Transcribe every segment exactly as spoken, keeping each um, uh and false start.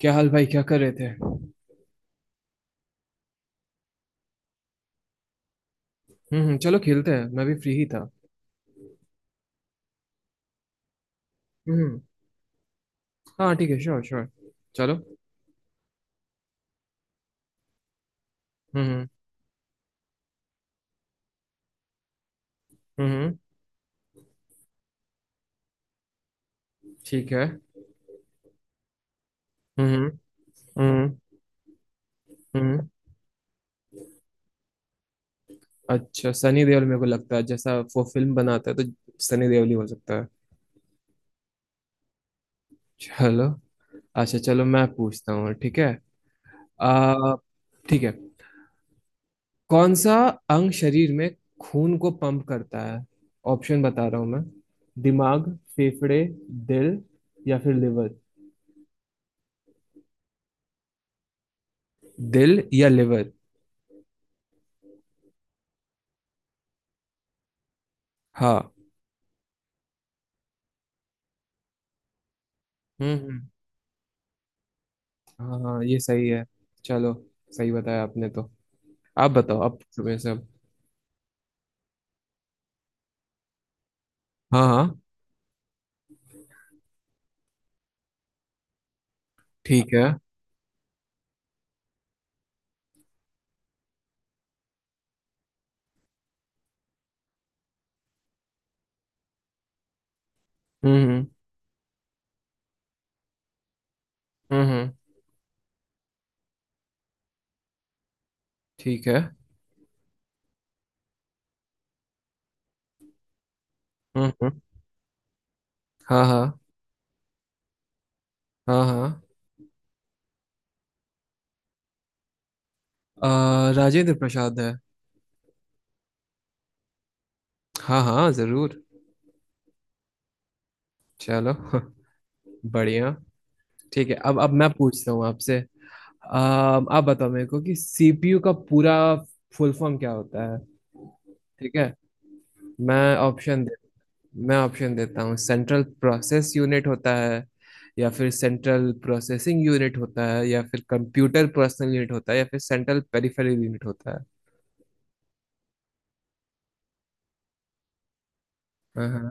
क्या हाल भाई? क्या कर रहे थे? हम्म। हम्म, चलो खेलते हैं। मैं भी फ्री ही था। हम्म। हाँ, ठीक है, श्योर, श्योर। चलो। हम्म हम्म। हम्म, हम्म, ठीक है। हम्म हम्म हम्म हम्म। अच्छा, सनी देओल, मेरे को लगता है जैसा वो फिल्म बनाता है तो सनी देओल ही हो सकता है। चलो। अच्छा, चलो, मैं पूछता हूँ, ठीक है। आ ठीक है। कौन सा अंग शरीर में खून को पंप करता है? ऑप्शन बता रहा हूँ मैं: दिमाग, फेफड़े, दिल या फिर लिवर। दिल या लिवर। हाँ। हम्म हम्म, हाँ हाँ ये सही है। चलो। सही बताया आपने तो। आप बताओ, आप पूछो मेरे से अब। हाँ हाँ, ठीक है। हम्म हम्म हम्म हम्म, ठीक है। हम्म हम्म, हाँ हाँ हाँ हाँ। अ, राजेंद्र प्रसाद है। हाँ हाँ, जरूर। चलो बढ़िया। ठीक है। अब अब मैं पूछता हूँ आपसे। अ, आप बताओ मेरे को कि सी पी यू का पूरा फुल फॉर्म क्या होता है? ठीक है। मैं ऑप्शन मैं ऑप्शन देता हूँ। सेंट्रल प्रोसेस यूनिट होता है, या फिर सेंट्रल प्रोसेसिंग यूनिट होता है, या फिर कंप्यूटर पर्सनल यूनिट होता है, या फिर सेंट्रल पेरिफेरल यूनिट होता है। हाँ हाँ,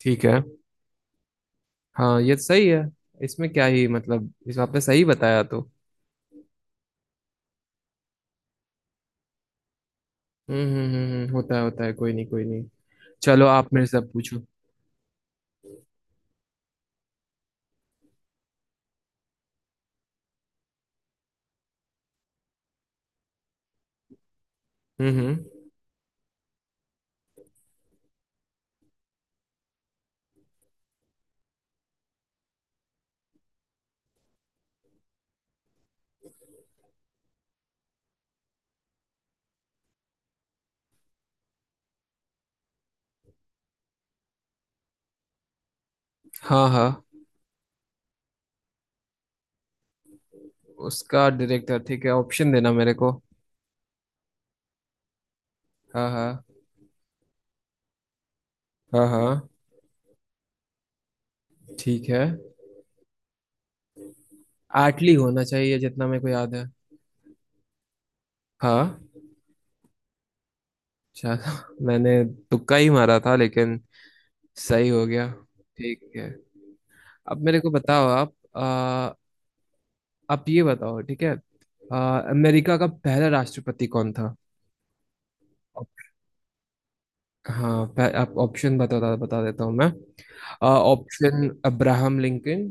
ठीक है। हाँ, ये तो सही है। इसमें क्या ही मतलब, इस आपने सही बताया तो। हम्म हम्म हम्म हम्म, होता है होता है, कोई नहीं कोई नहीं। चलो, आप मेरे से अब पूछो। हम्म हम्म। हाँ हाँ। उसका डायरेक्टर ठीक है, ऑप्शन देना मेरे को। हाँ हाँ हाँ हाँ, ठीक है। आटली होना चाहिए, जितना मेरे को याद है। हाँ। चलो मैंने तुक्का ही मारा था लेकिन सही हो गया। ठीक है। अब मेरे को बताओ आप। अ, आप ये बताओ, ठीक है। अ, अमेरिका का पहला राष्ट्रपति कौन था? हाँ, पह- आप ऑप्शन, बता बता देता हूँ मैं। अ, ऑप्शन अब्राहम लिंकन।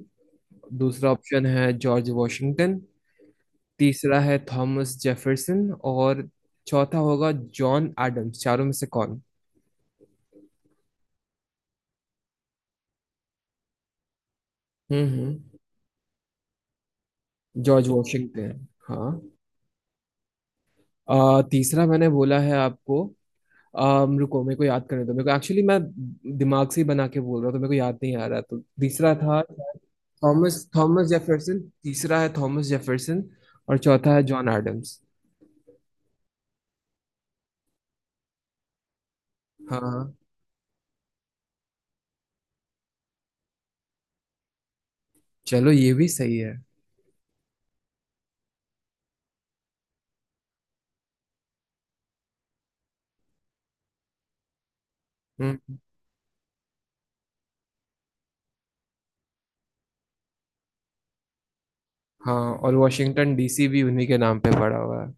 दूसरा ऑप्शन है जॉर्ज वॉशिंगटन। तीसरा है थॉमस जेफरसन और चौथा होगा जॉन एडम्स। चारों में से कौन? हम्म हम्म। जॉर्ज वॉशिंगटन, हाँ। आ, तीसरा मैंने बोला है आपको। अम, रुको, मेरे को याद करने दो। मेरे को एक्चुअली मैं दिमाग से ही बना के बोल रहा हूँ तो मेरे को याद नहीं आ रहा। तो तीसरा था थॉमस थॉमस जेफरसन। तीसरा है थॉमस जेफरसन, और चौथा है जॉन एडम्स। हाँ। चलो, ये भी सही है। हम्म। हाँ, और वॉशिंगटन डी सी भी उन्हीं के नाम पे पड़ा हुआ है।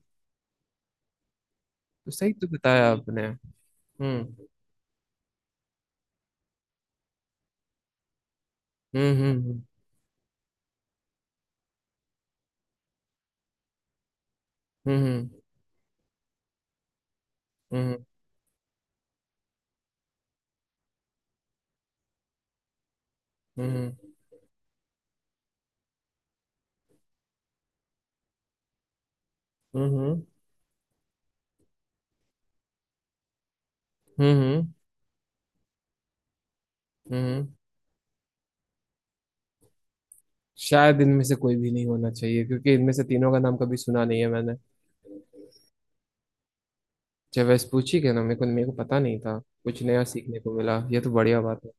तो सही तो बताया आपने। हम्म हम्म हम्म हम्म हम्म हम्म हम्म हम्म हम्म हम्म। शायद इनमें से कोई भी नहीं होना चाहिए, क्योंकि इनमें से तीनों का नाम कभी सुना नहीं है मैंने। चाहे वेस्पूची के ना, मेरे को मेरे को पता नहीं था। कुछ नया सीखने को मिला, ये तो बढ़िया बात है।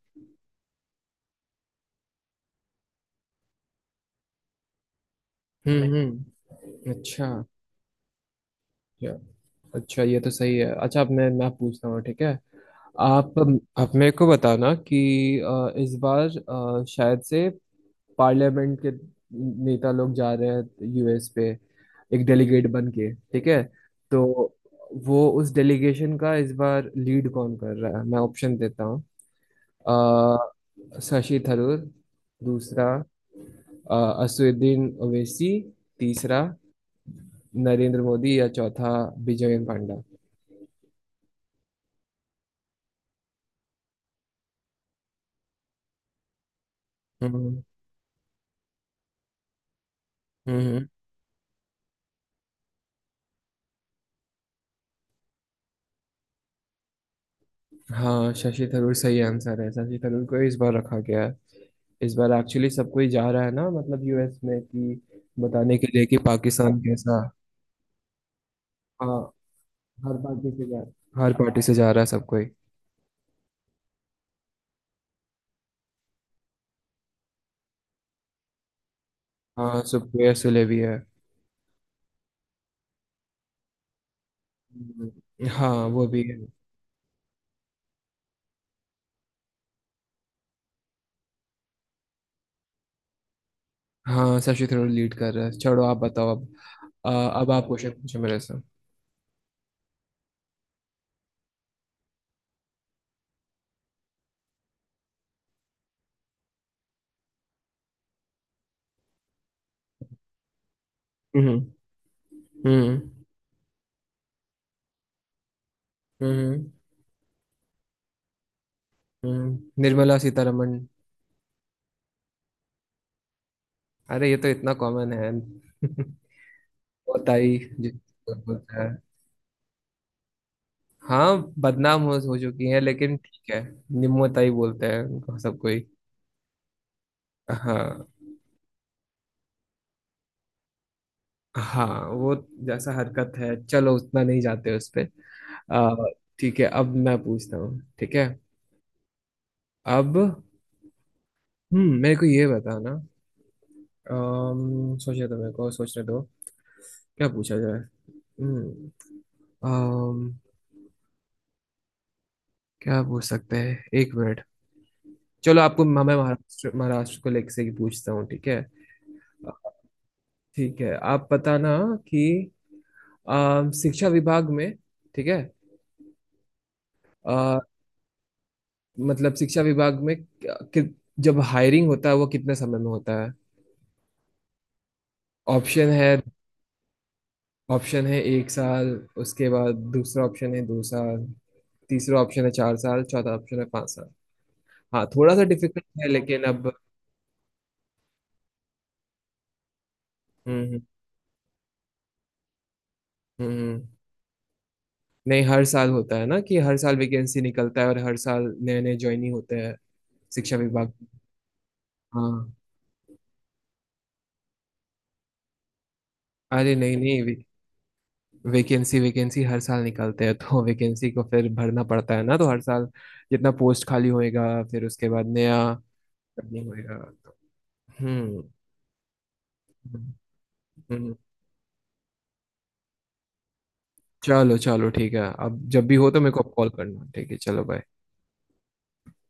हम्म हम्म, अच्छा। अच्छा अच्छा, ये तो सही है। अच्छा, अब मैं मैं पूछता हूँ, ठीक है। आप आप मेरे को बताना कि अ, इस बार, अ, शायद से, पार्लियामेंट के नेता लोग जा रहे हैं यू एस पे एक डेलीगेट बन के, ठीक है। तो वो उस डेलीगेशन का इस बार लीड कौन कर रहा है? मैं ऑप्शन देता हूँ। अ, शशि थरूर। दूसरा, अ, असदुद्दीन ओवैसी। तीसरा, नरेंद्र मोदी, या चौथा, विजयन पांडा। हम्म हम्म। हाँ, शशि थरूर सही आंसर है। शशि थरूर को इस बार रखा गया। इस बार एक्चुअली सब कोई जा रहा है ना, मतलब यू एस में, कि बताने के लिए कि पाकिस्तान कैसा। हाँ। हर पार्टी से जा हर पार्टी से जा रहा है सब कोई। हाँ, सुप्रिया सुले भी है। हम्म। हाँ, वो भी है। हाँ, शशि थरूर लीड कर रहा है। छोड़ो, आप बताओ अब। अ, अब आप क्वेश्चन पूछो मेरे से। हम्म हम्म हम्म हम्म। निर्मला सीतारमण। अरे, ये तो इतना कॉमन है होता ही जिसको बोलता है। हाँ, बदनाम हो, हो चुकी है लेकिन, ठीक है। निम्नताई बोलते हैं उनको सब कोई। हाँ हाँ, वो जैसा हरकत है, चलो उतना नहीं जाते उस पे। आ, ठीक है, अब मैं पूछता हूँ, ठीक है। अब हम्म मेरे को ये बताना। अम, सोचने दो, मेरे को सोचने दो, क्या पूछा जाए। हम्म अम, क्या पूछ सकते हैं, एक मिनट। चलो, आपको मैं मैं महाराष्ट्र महाराष्ट्र को लेकर से ही पूछता हूँ, ठीक है। ठीक है, आप बताना कि अ, शिक्षा विभाग में, ठीक है। अ, मतलब शिक्षा विभाग में कि जब हायरिंग होता है वो कितने समय में होता है? ऑप्शन है ऑप्शन है एक साल, उसके बाद दूसरा ऑप्शन है दो साल, तीसरा ऑप्शन है चार साल, चौथा ऑप्शन है पांच साल। हाँ, थोड़ा सा डिफिकल्ट है लेकिन अब। हम्म हम्म हम्म। हम्म। नहीं, हर साल होता है ना, कि हर साल वैकेंसी निकलता है और हर साल नए नए ज्वाइनिंग होते हैं शिक्षा विभाग में। हाँ, अरे नहीं नहीं, वैकेंसी वैकेंसी हर साल निकलते हैं, तो वैकेंसी को फिर भरना पड़ता है ना, तो हर साल जितना पोस्ट खाली होएगा, फिर उसके बाद नया ओपनिंग होएगा। तो हम्म हम्म, हम्म। चलो चलो, ठीक है, अब जब भी हो तो मेरे को कॉल करना, ठीक है। चलो, बाय।